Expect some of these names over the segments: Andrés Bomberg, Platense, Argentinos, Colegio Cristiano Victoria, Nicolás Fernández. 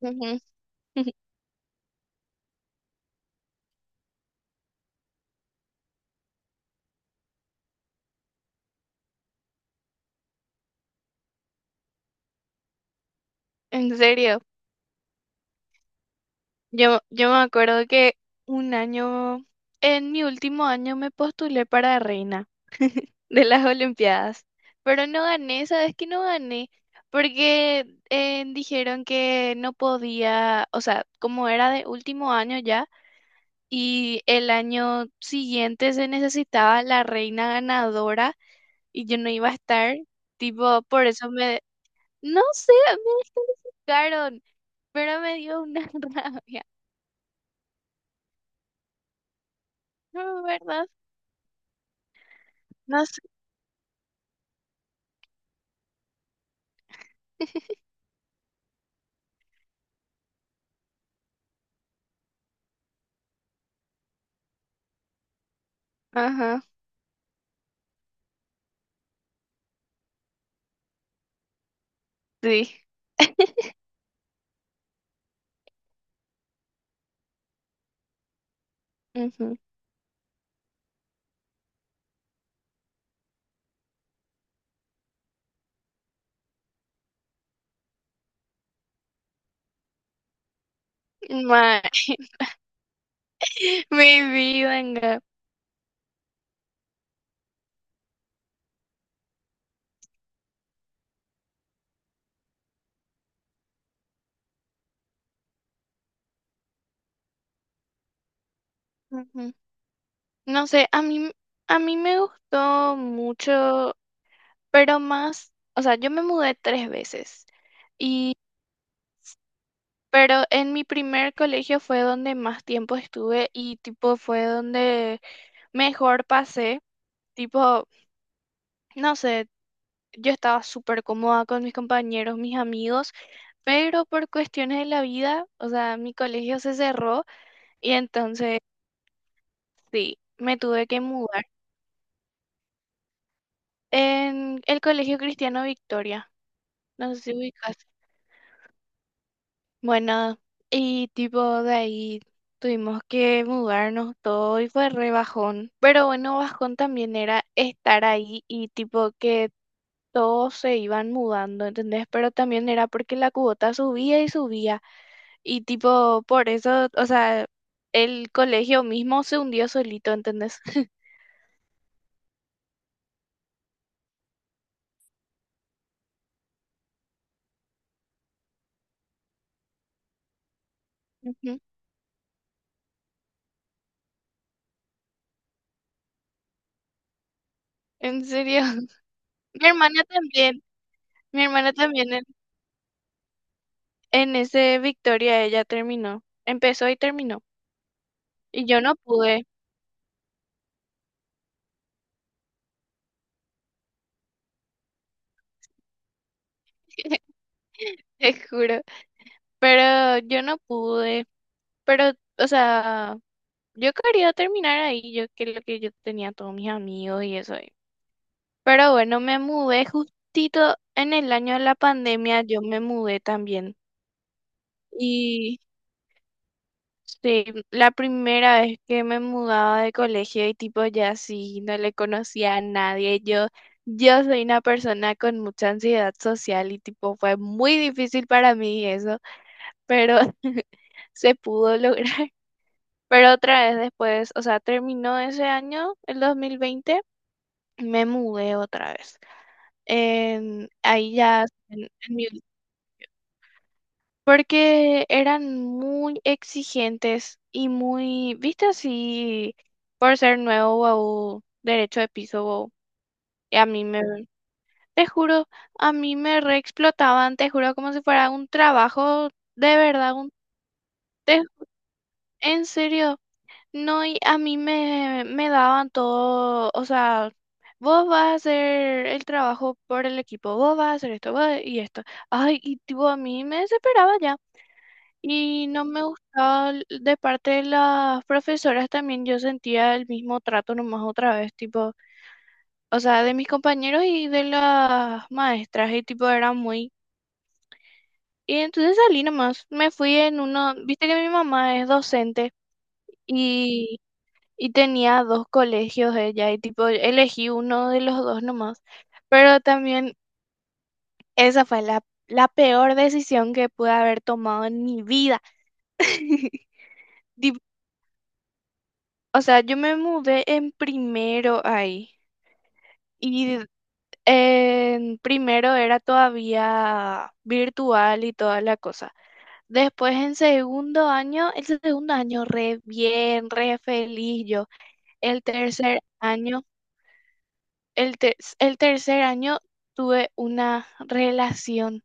Ujú. En serio, yo me acuerdo que un año, en mi último año me postulé para reina de las Olimpiadas, pero no gané, ¿sabes qué? No gané porque dijeron que no podía, o sea, como era de último año ya y el año siguiente se necesitaba la reina ganadora y yo no iba a estar, tipo, por eso no sé, me dejaron, pero me dio una rabia. No, ¿verdad? No sé. Ajá, sí. Ujú. Ma- Maybe, venga. Ujú. No sé, a mí me gustó mucho, pero más, o sea, yo me mudé tres veces. Y, pero en mi primer colegio fue donde más tiempo estuve y tipo fue donde mejor pasé. Tipo, no sé. Yo estaba súper cómoda con mis compañeros, mis amigos, pero por cuestiones de la vida, o sea, mi colegio se cerró y entonces sí, me tuve que mudar en el Colegio Cristiano Victoria. No sé si ubicas. Bueno, y tipo de ahí tuvimos que mudarnos todo y fue re bajón. Pero bueno, bajón también era estar ahí y tipo que todos se iban mudando, ¿entendés? Pero también era porque la cuota subía y subía. Y tipo, por eso, o sea, el colegio mismo se hundió solito, ¿entendés? Ujú. En serio. Mi hermana también, mi hermana también en ese Victoria ella terminó. Empezó y terminó. Y yo no pude, te juro. Pero yo no pude. Pero, o sea, yo quería terminar ahí, yo que lo que yo tenía todos mis amigos y eso ahí. Pero bueno, me mudé justito en el año de la pandemia, yo me mudé también. Y sí, la primera vez que me mudaba de colegio y tipo ya sí, no le conocía a nadie. Yo soy una persona con mucha ansiedad social y tipo fue muy difícil para mí eso, pero se pudo lograr. Pero otra vez después, o sea, terminó ese año, el 2020, me mudé otra vez. Ahí ya, en mi. Porque eran muy exigentes y muy, viste así, por ser nuevo wow, derecho de piso wow. Y a mí me, te juro, a mí me re te juro, como si fuera un trabajo de verdad, un, te- en serio. No, y a mí me daban todo, o sea, vos vas a hacer el trabajo por el equipo, vos vas a hacer esto, vos y esto. Ay, y tipo, a mí me desesperaba ya. Y no me gustaba de parte de las profesoras también, yo sentía el mismo trato nomás otra vez, tipo, o sea, de mis compañeros y de las maestras, y tipo, era muy... Y entonces salí nomás, me fui en uno, viste que mi mamá es docente y, y tenía dos colegios ella, y tipo, elegí uno de los dos nomás, pero también esa fue la, peor decisión que pude haber tomado en mi vida. O sea, yo me mudé en primero ahí y en primero era todavía virtual y toda la cosa. Después en segundo año, el segundo año re bien, re feliz yo. El tercer año, el tercer año tuve una relación.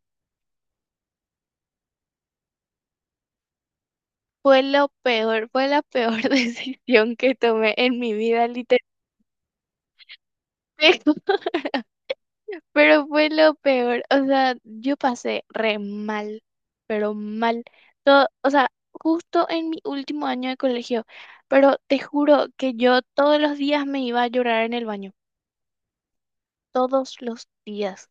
Fue lo peor, fue la peor decisión que tomé en mi vida, literalmente. Pero fue lo peor, o sea, yo pasé re mal, pero mal. Todo, o sea, justo en mi último año de colegio, pero te juro que yo todos los días me iba a llorar en el baño, todos los días.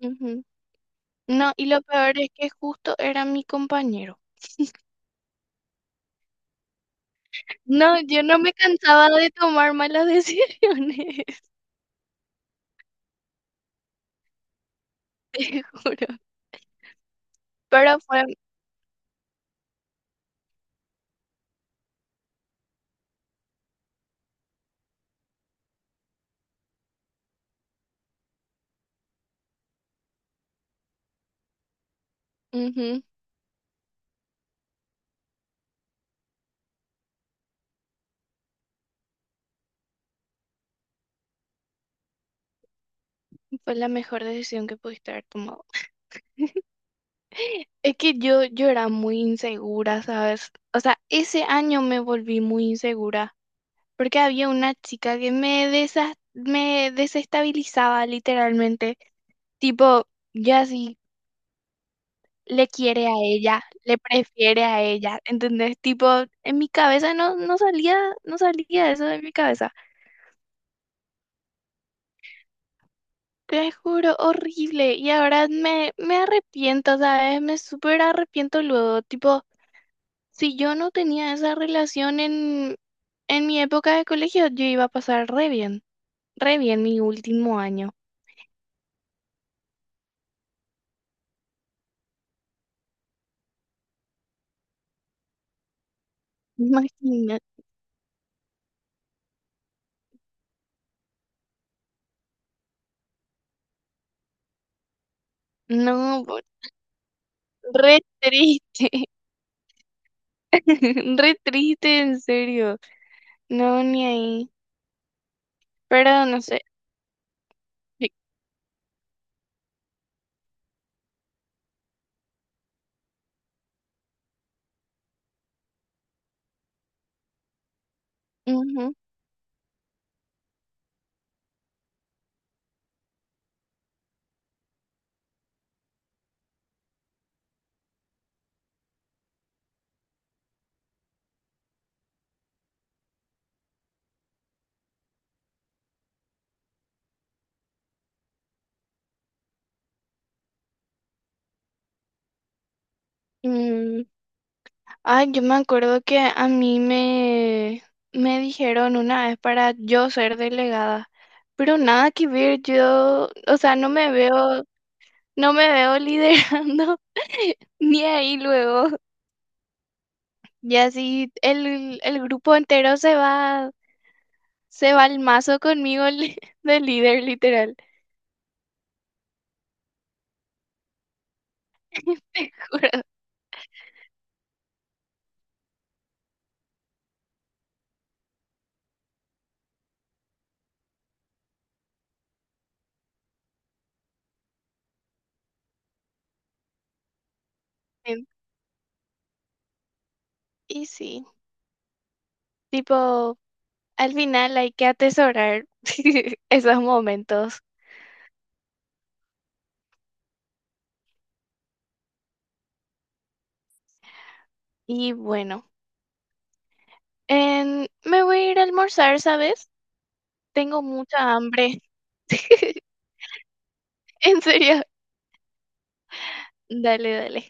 Ujú. No, y lo peor es que justo era mi compañero. No, yo no me cansaba de tomar malas decisiones, te juro. Pero fue, ujú, fue la mejor decisión que pudiste haber tomado. Es que yo era muy insegura, ¿sabes? O sea, ese año me volví muy insegura porque había una chica que me desestabilizaba literalmente. Tipo, ya sí le quiere a ella, le prefiere a ella, ¿entendés? Tipo, en mi cabeza no salía, no salía, eso de mi cabeza. Te juro, horrible. Y ahora me arrepiento, ¿sabes? Me súper arrepiento luego. Tipo, si yo no tenía esa relación en mi época de colegio, yo iba a pasar re bien mi último año. Imagínate, no, re triste, re triste, en serio. No, ni ahí. Pero no sé. Sí, ujú, mm. Ay, yo me acuerdo que a mí me dijeron una vez para yo ser delegada. Pero nada que ver, yo, o sea, no me veo. No me veo liderando ni ahí luego. Y así el grupo entero se va, al mazo conmigo de líder, literal. Te juro. Y sí, tipo, al final hay que atesorar esos momentos. Y bueno, me voy a ir a almorzar, ¿sabes? Tengo mucha hambre. En serio, dale, dale.